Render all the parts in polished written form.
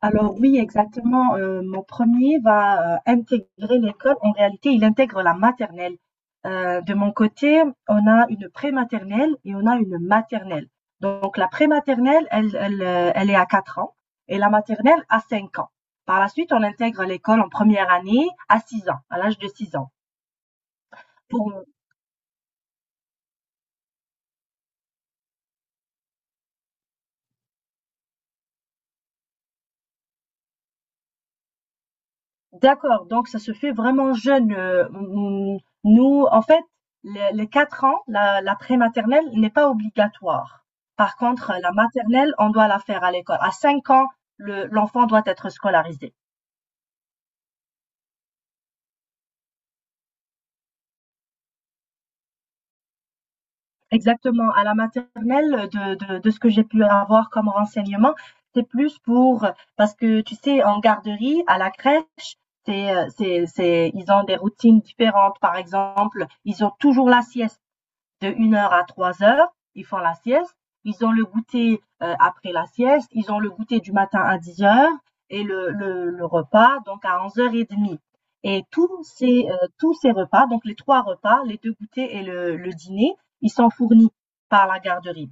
Alors oui, exactement. Mon premier va intégrer l'école. En réalité, il intègre la maternelle. De mon côté, on a une prématernelle et on a une maternelle. Donc la prématernelle, elle est à 4 ans et la maternelle à 5 ans. Par la suite, on intègre l'école en première année à 6 ans, à l'âge de 6 ans. D'accord, donc ça se fait vraiment jeune. Nous, en fait, les 4 ans, la prématernelle n'est pas obligatoire. Par contre, la maternelle, on doit la faire à l'école. À 5 ans, l'enfant doit être scolarisé. Exactement, à la maternelle, de ce que j'ai pu avoir comme renseignement, c'est plus pour, parce que tu sais, en garderie, à la crèche, c'est, ils ont des routines différentes. Par exemple, ils ont toujours la sieste. De 1 heure à 3 heures, ils font la sieste. Ils ont le goûter après la sieste. Ils ont le goûter du matin à 10 heures et le repas donc à 11h30. Et tous ces repas, donc les trois repas, les deux goûters et le dîner, ils sont fournis par la garderie.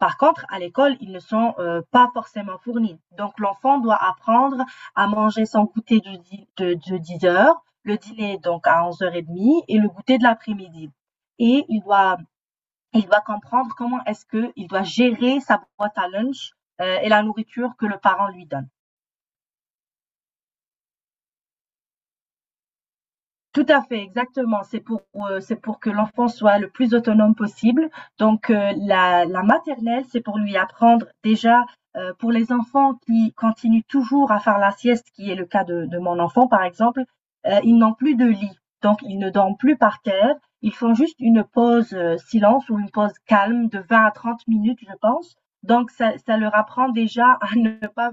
Par contre, à l'école, ils ne sont pas forcément fournis. Donc, l'enfant doit apprendre à manger son goûter de 10 heures, le dîner donc à 11h30 et le goûter de l'après-midi. Et il doit comprendre comment est-ce qu'il doit gérer sa boîte à lunch et la nourriture que le parent lui donne. Tout à fait, exactement. C'est pour que l'enfant soit le plus autonome possible. Donc, la maternelle, c'est pour lui apprendre déjà, pour les enfants qui continuent toujours à faire la sieste, qui est le cas de mon enfant, par exemple, ils n'ont plus de lit. Donc ils ne dorment plus par terre. Ils font juste une pause, silence ou une pause calme de 20 à 30 minutes, je pense. Donc ça leur apprend déjà à ne pas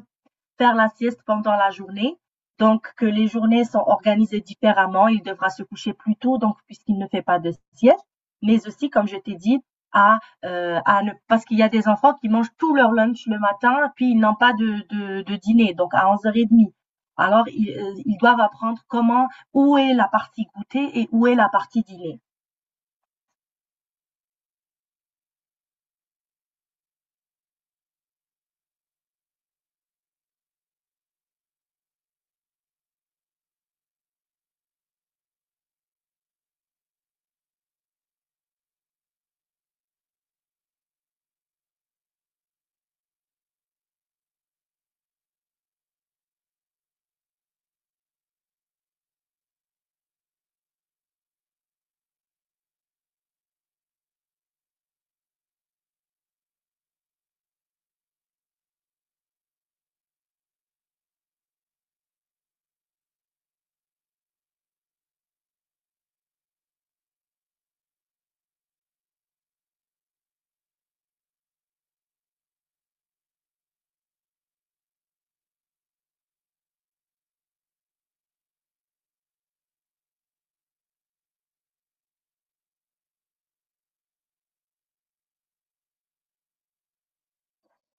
faire la sieste pendant la journée. Donc, que les journées sont organisées différemment. Il devra se coucher plus tôt, donc, puisqu'il ne fait pas de sieste. Mais aussi, comme je t'ai dit, à ne, parce qu'il y a des enfants qui mangent tout leur lunch le matin, puis ils n'ont pas de dîner, donc à 11h30. Alors, ils doivent apprendre comment, où est la partie goûter et où est la partie dîner.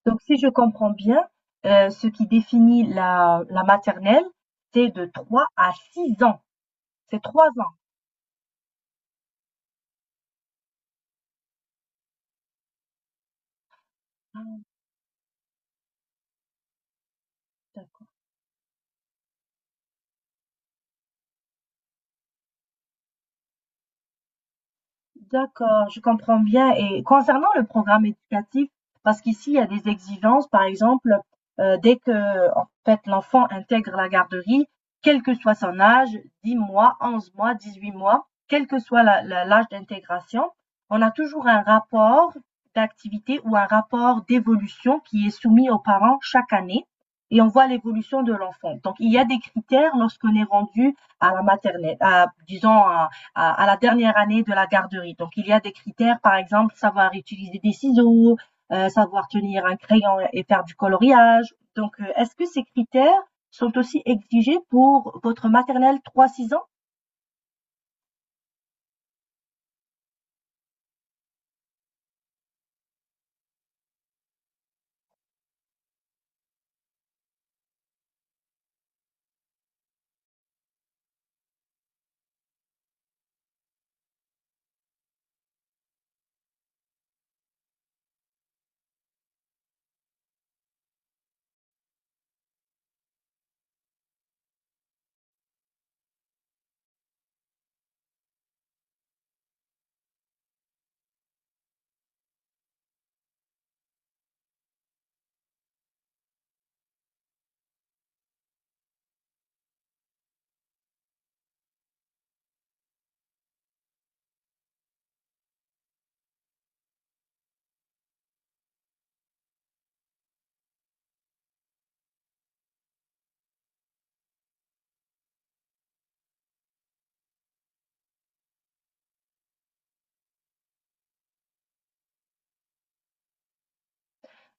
Donc, si je comprends bien, ce qui définit la maternelle, c'est de 3 à 6 ans. C'est 3 ans. D'accord. D'accord, je comprends bien. Et concernant le programme éducatif, parce qu'ici, il y a des exigences, par exemple, dès que en fait, l'enfant intègre la garderie, quel que soit son âge, 10 mois, 11 mois, 18 mois, quel que soit l'âge d'intégration, on a toujours un rapport d'activité ou un rapport d'évolution qui est soumis aux parents chaque année et on voit l'évolution de l'enfant. Donc, il y a des critères lorsqu'on est rendu à la maternelle, à, disons, à la dernière année de la garderie. Donc il y a des critères, par exemple, savoir utiliser des ciseaux, savoir tenir un crayon et faire du coloriage. Donc est-ce que ces critères sont aussi exigés pour votre maternelle trois six ans?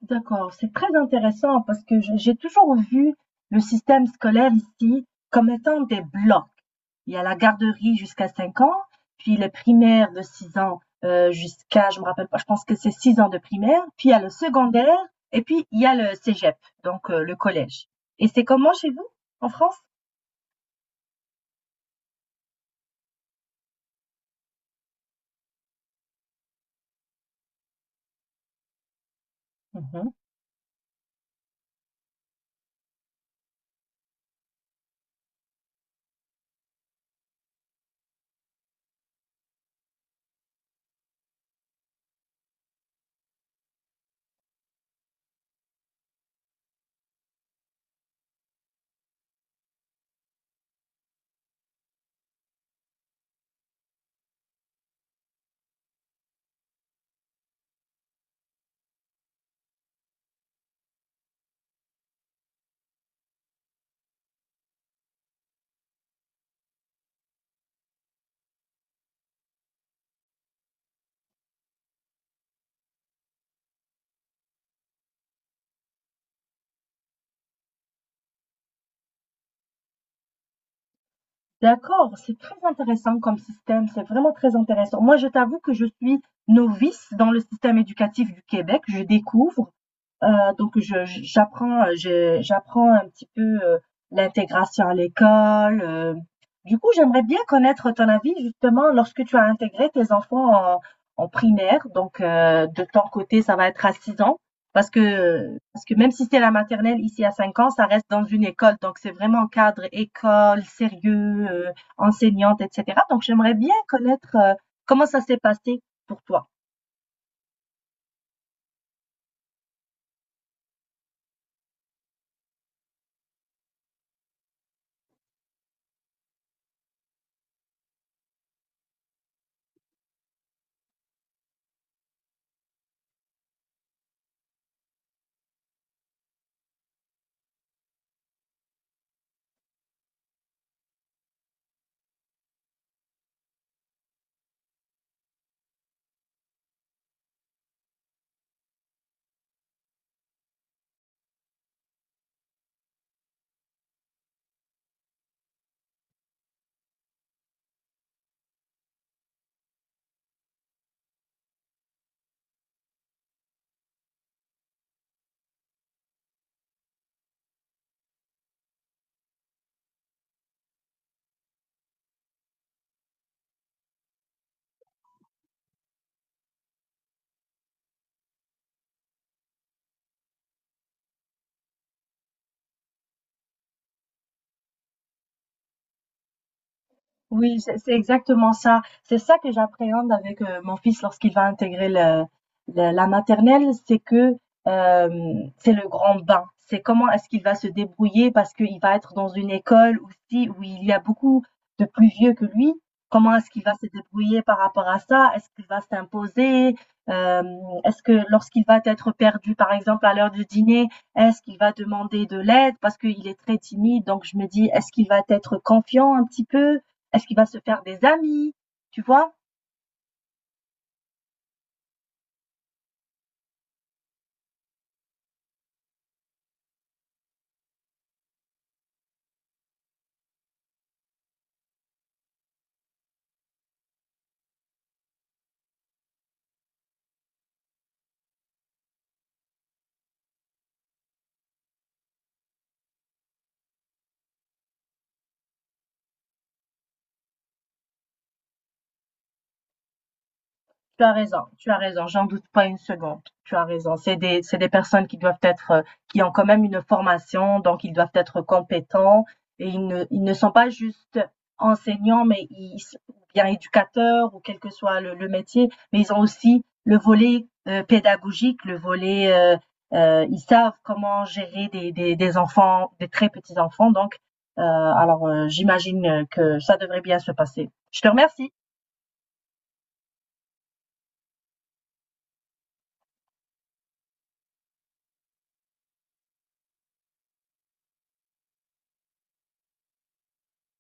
D'accord, c'est très intéressant parce que j'ai toujours vu le système scolaire ici comme étant des blocs. Il y a la garderie jusqu'à 5 ans, puis le primaire de 6 ans jusqu'à, je me rappelle pas, je pense que c'est 6 ans de primaire, puis il y a le secondaire, et puis il y a le cégep, donc le collège. Et c'est comment chez vous, en France? Mhm. D'accord, c'est très intéressant comme système, c'est vraiment très intéressant. Moi, je t'avoue que je suis novice dans le système éducatif du Québec, je découvre. Donc je j j'apprends, je j'apprends un petit peu, l'intégration à l'école. Du coup, j'aimerais bien connaître ton avis justement lorsque tu as intégré tes enfants en primaire, donc de ton côté, ça va être à 6 ans parce que, parce que, même si c'est la maternelle ici à 5 ans, ça reste dans une école, donc c'est vraiment cadre école, sérieux, enseignante et cetera. Donc j'aimerais bien connaître, comment ça s'est passé pour toi? Oui, c'est exactement ça. C'est ça que j'appréhende avec mon fils lorsqu'il va intégrer la maternelle, c'est que euh, c'est le grand bain. C'est comment est-ce qu'il va se débrouiller parce qu'il va être dans une école aussi où il y a beaucoup de plus vieux que lui. Comment est-ce qu'il va se débrouiller par rapport à ça? Est-ce qu'il va s'imposer? Euh, est-ce que lorsqu'il va être perdu, par exemple, à l'heure du dîner, est-ce qu'il va demander de l'aide parce qu'il est très timide? Donc je me dis, est-ce qu'il va être confiant un petit peu? Est-ce qu'il va se faire des amis? Tu vois? Tu as raison, j'en doute pas une seconde. Tu as raison. C'est des personnes qui doivent être, qui ont quand même une formation, donc ils doivent être compétents et ils ne sont pas juste enseignants, mais ils, ou bien éducateurs ou quel que soit le métier, mais ils ont aussi le volet pédagogique, le volet, ils savent comment gérer des enfants, des très petits enfants. Donc, alors, j'imagine que ça devrait bien se passer. Je te remercie.